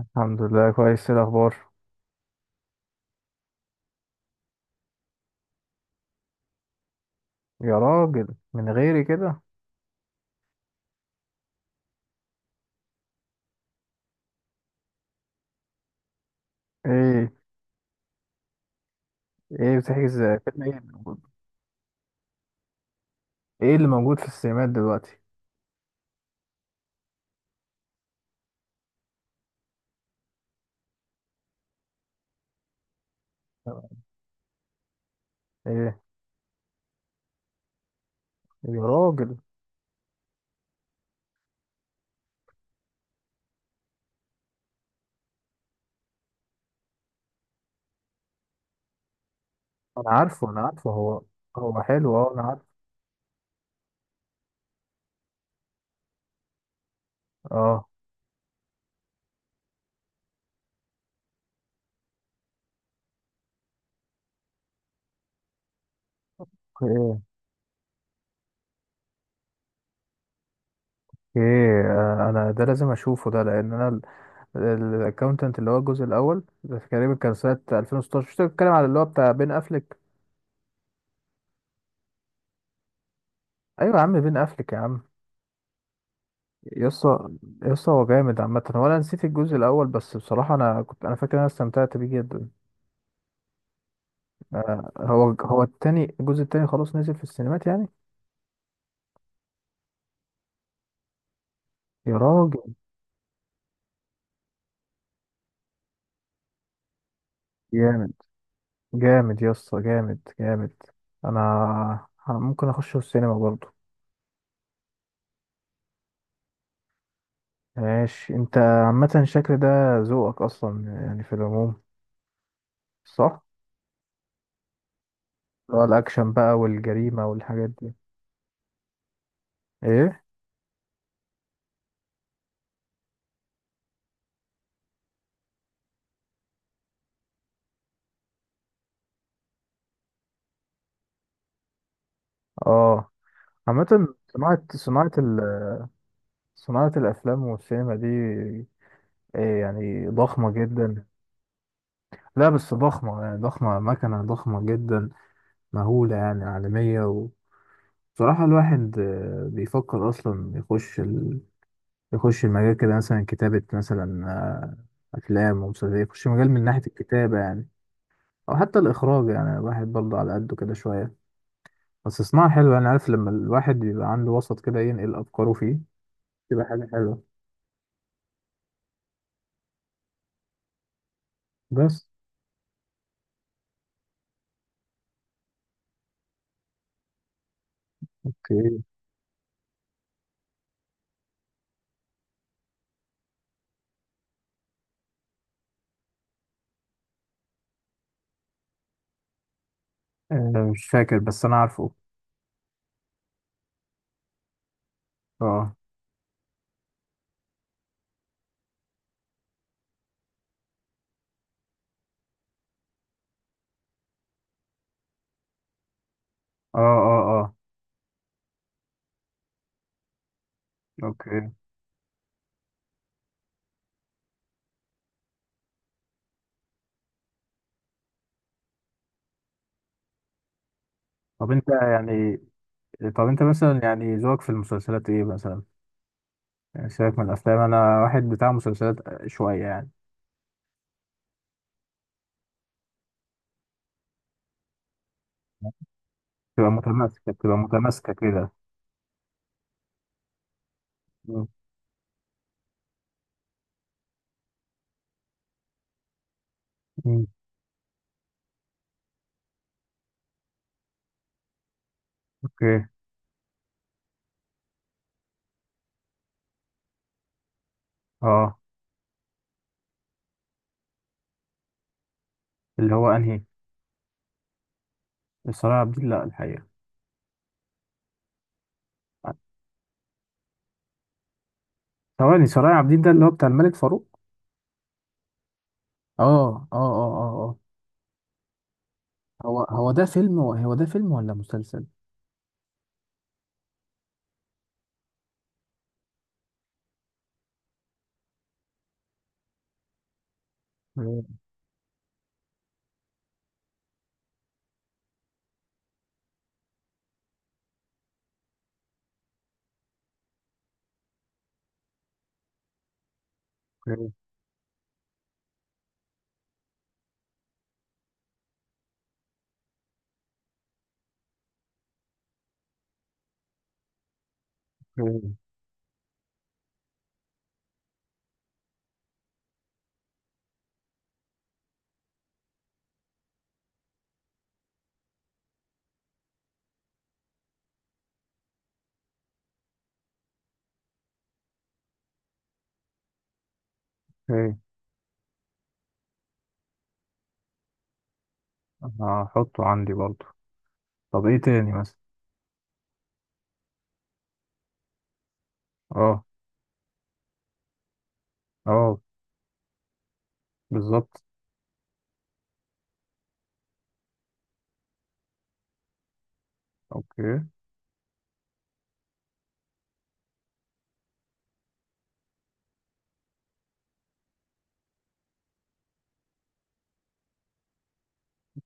الحمد لله، كويس. إيه الاخبار؟ يا راجل، من غيري كده؟ ايه، ايه بتحجز؟ فيلم ايه اللي موجود؟ ايه اللي موجود في السينمات دلوقتي؟ ايه يا راجل. انا عارفه، انا عارفه هو. هو حلو، اه، انا عارفه. اه. ايه. انا ده لازم اشوفه ده، لان انا الاكونتنت اللي هو الجزء الاول ده تقريبا كان سنه 2016، مش بتتكلم على اللي هو بتاع بين افلك؟ ايوه يا عم، بين افلك يا عم. يسطا، يسطا هو جامد عامة. هو أنا نسيت الجزء الأول، بس بصراحة أنا فاكر إن أنا استمتعت بيه جدا. هو التاني، الجزء التاني خلاص نزل في السينمات يعني. يا راجل. جامد، جامد يسطا، جامد جامد. أنا ممكن أخشه السينما برضو. ماشي. أنت عامة الشكل ده ذوقك أصلا، يعني في العموم، صح؟ اللي هو الأكشن بقى والجريمة والحاجات دي. إيه؟ آه. عامة صناعة الأفلام والسينما دي، إيه يعني؟ ضخمة جدا. لا بس ضخمة، يعني ضخمة مكنة، ضخمة جدا، مهولة يعني، عالمية. وبصراحة الواحد بيفكر أصلا يخش يخش المجال كده، مثلا كتابة، مثلا أفلام ومسلسلات، يخش مجال من ناحية الكتابة يعني، أو حتى الإخراج يعني. الواحد برضه على قده كده شوية، بس صناعة حلوة. أنا عارف لما الواحد بيبقى عنده وسط كده ينقل أفكاره فيه، تبقى حاجة حلوة. بس. أوكي. مش فاكر، بس أنا عارفه. أه أه أه أه. أوكي. طب انت يعني طب انت مثلا، يعني ذوقك في المسلسلات ايه مثلا؟ يعني سيبك من الافلام، انا واحد بتاع مسلسلات شويه يعني. تبقى متماسكه بتبقى متماسكه كده. مم. مم. اوكي. اه. اللي هو انهي؟ صلاح عبد الدين، لا الحقيقه. ثواني، صلاح عبد الدين ده اللي هو بتاع الملك فاروق؟ اه اه اه اه اه. هو ده فيلم ولا مسلسل؟ اوكي. اوكي. اوكي. اوكي. انا هحطه عندي برضه. طب ايه تاني مثلا؟ اه. اه. بالظبط. اوكي.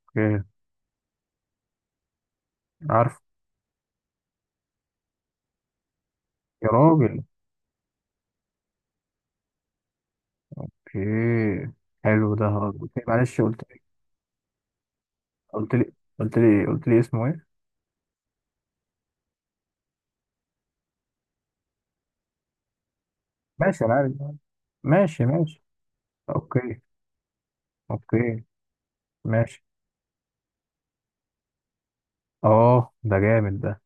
اوكي. عارف. يا راجل. اوكي. حلو ده. قلت لي، معلش، قلت لي قلت لي اسمه ايه؟ ماشي، انا عارف. ماشي ماشي. اوكي. اوكي. ماشي. اه، ده جامد ده.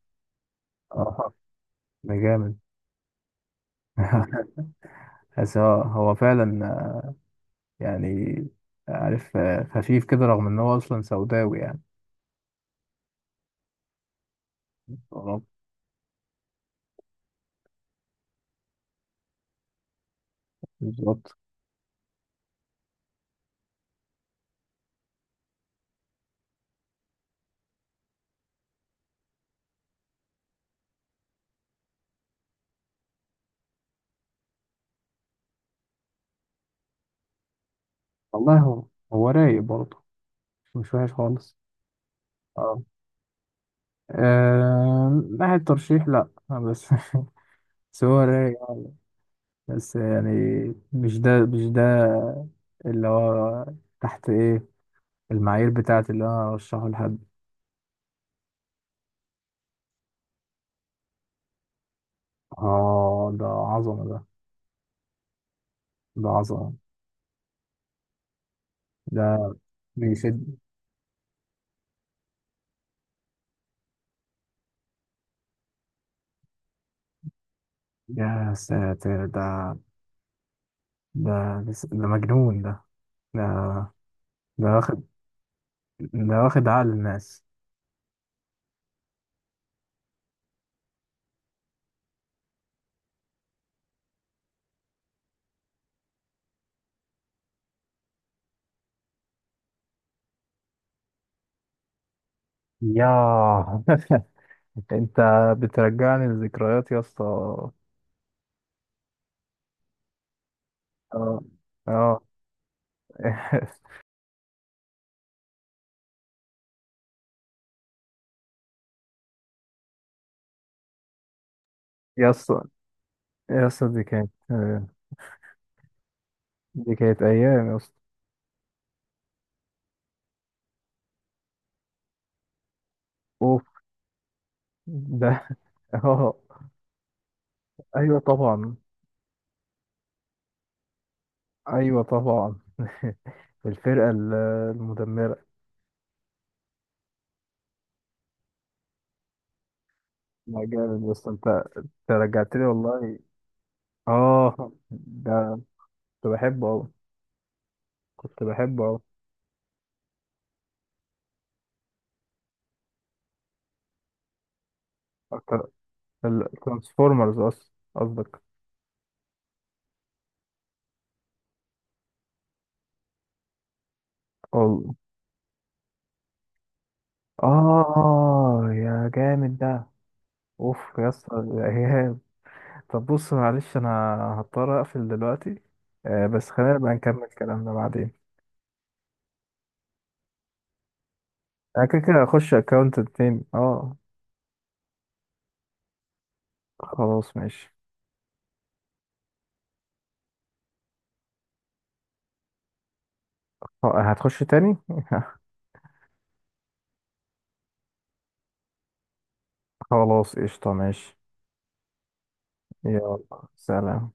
اه، ده جامد. بس هو فعلا، يعني، عارف، خفيف كده، رغم ان هو اصلا سوداوي يعني. بالظبط. بالظبط. والله هو رايق برضه، مش وحش خالص. اه. ناحية ترشيح لا، بس. بس هو رايق، بس يعني مش ده اللي هو تحت ايه المعايير بتاعت اللي انا ارشحه لحد. اه، ده عظمة ده. ده عظمة. ده بيشد. يا ساتر ده. ده ده مجنون ده. ده ده واخد، ده واخد عقل الناس. ياه. انت بترجعني لذكريات يا اسطى. اه اه. يا اسطى، يا اسطى دي كانت، دي كانت ايام يا اسطى. اوف ده، اه. ايوه طبعا. ايوه طبعا. الفرقه المدمره. لا جامد، بس انت رجعتني والله. اه ده، كنت بحبه اوي، كنت بحبه اوي اكتر. الترانسفورمرز اصلا قصدك. اه اه، يا جامد ده. اوف يا اسطى، يا ايهاب. طب بص، معلش، انا هضطر اقفل دلوقتي. آه بس خلينا نبقى نكمل كلامنا بعدين. انا كده كده هخش اكونت تاني، اه. خلاص ماشي. هتخش تاني. خلاص قشطة ماشي. يلا سلام.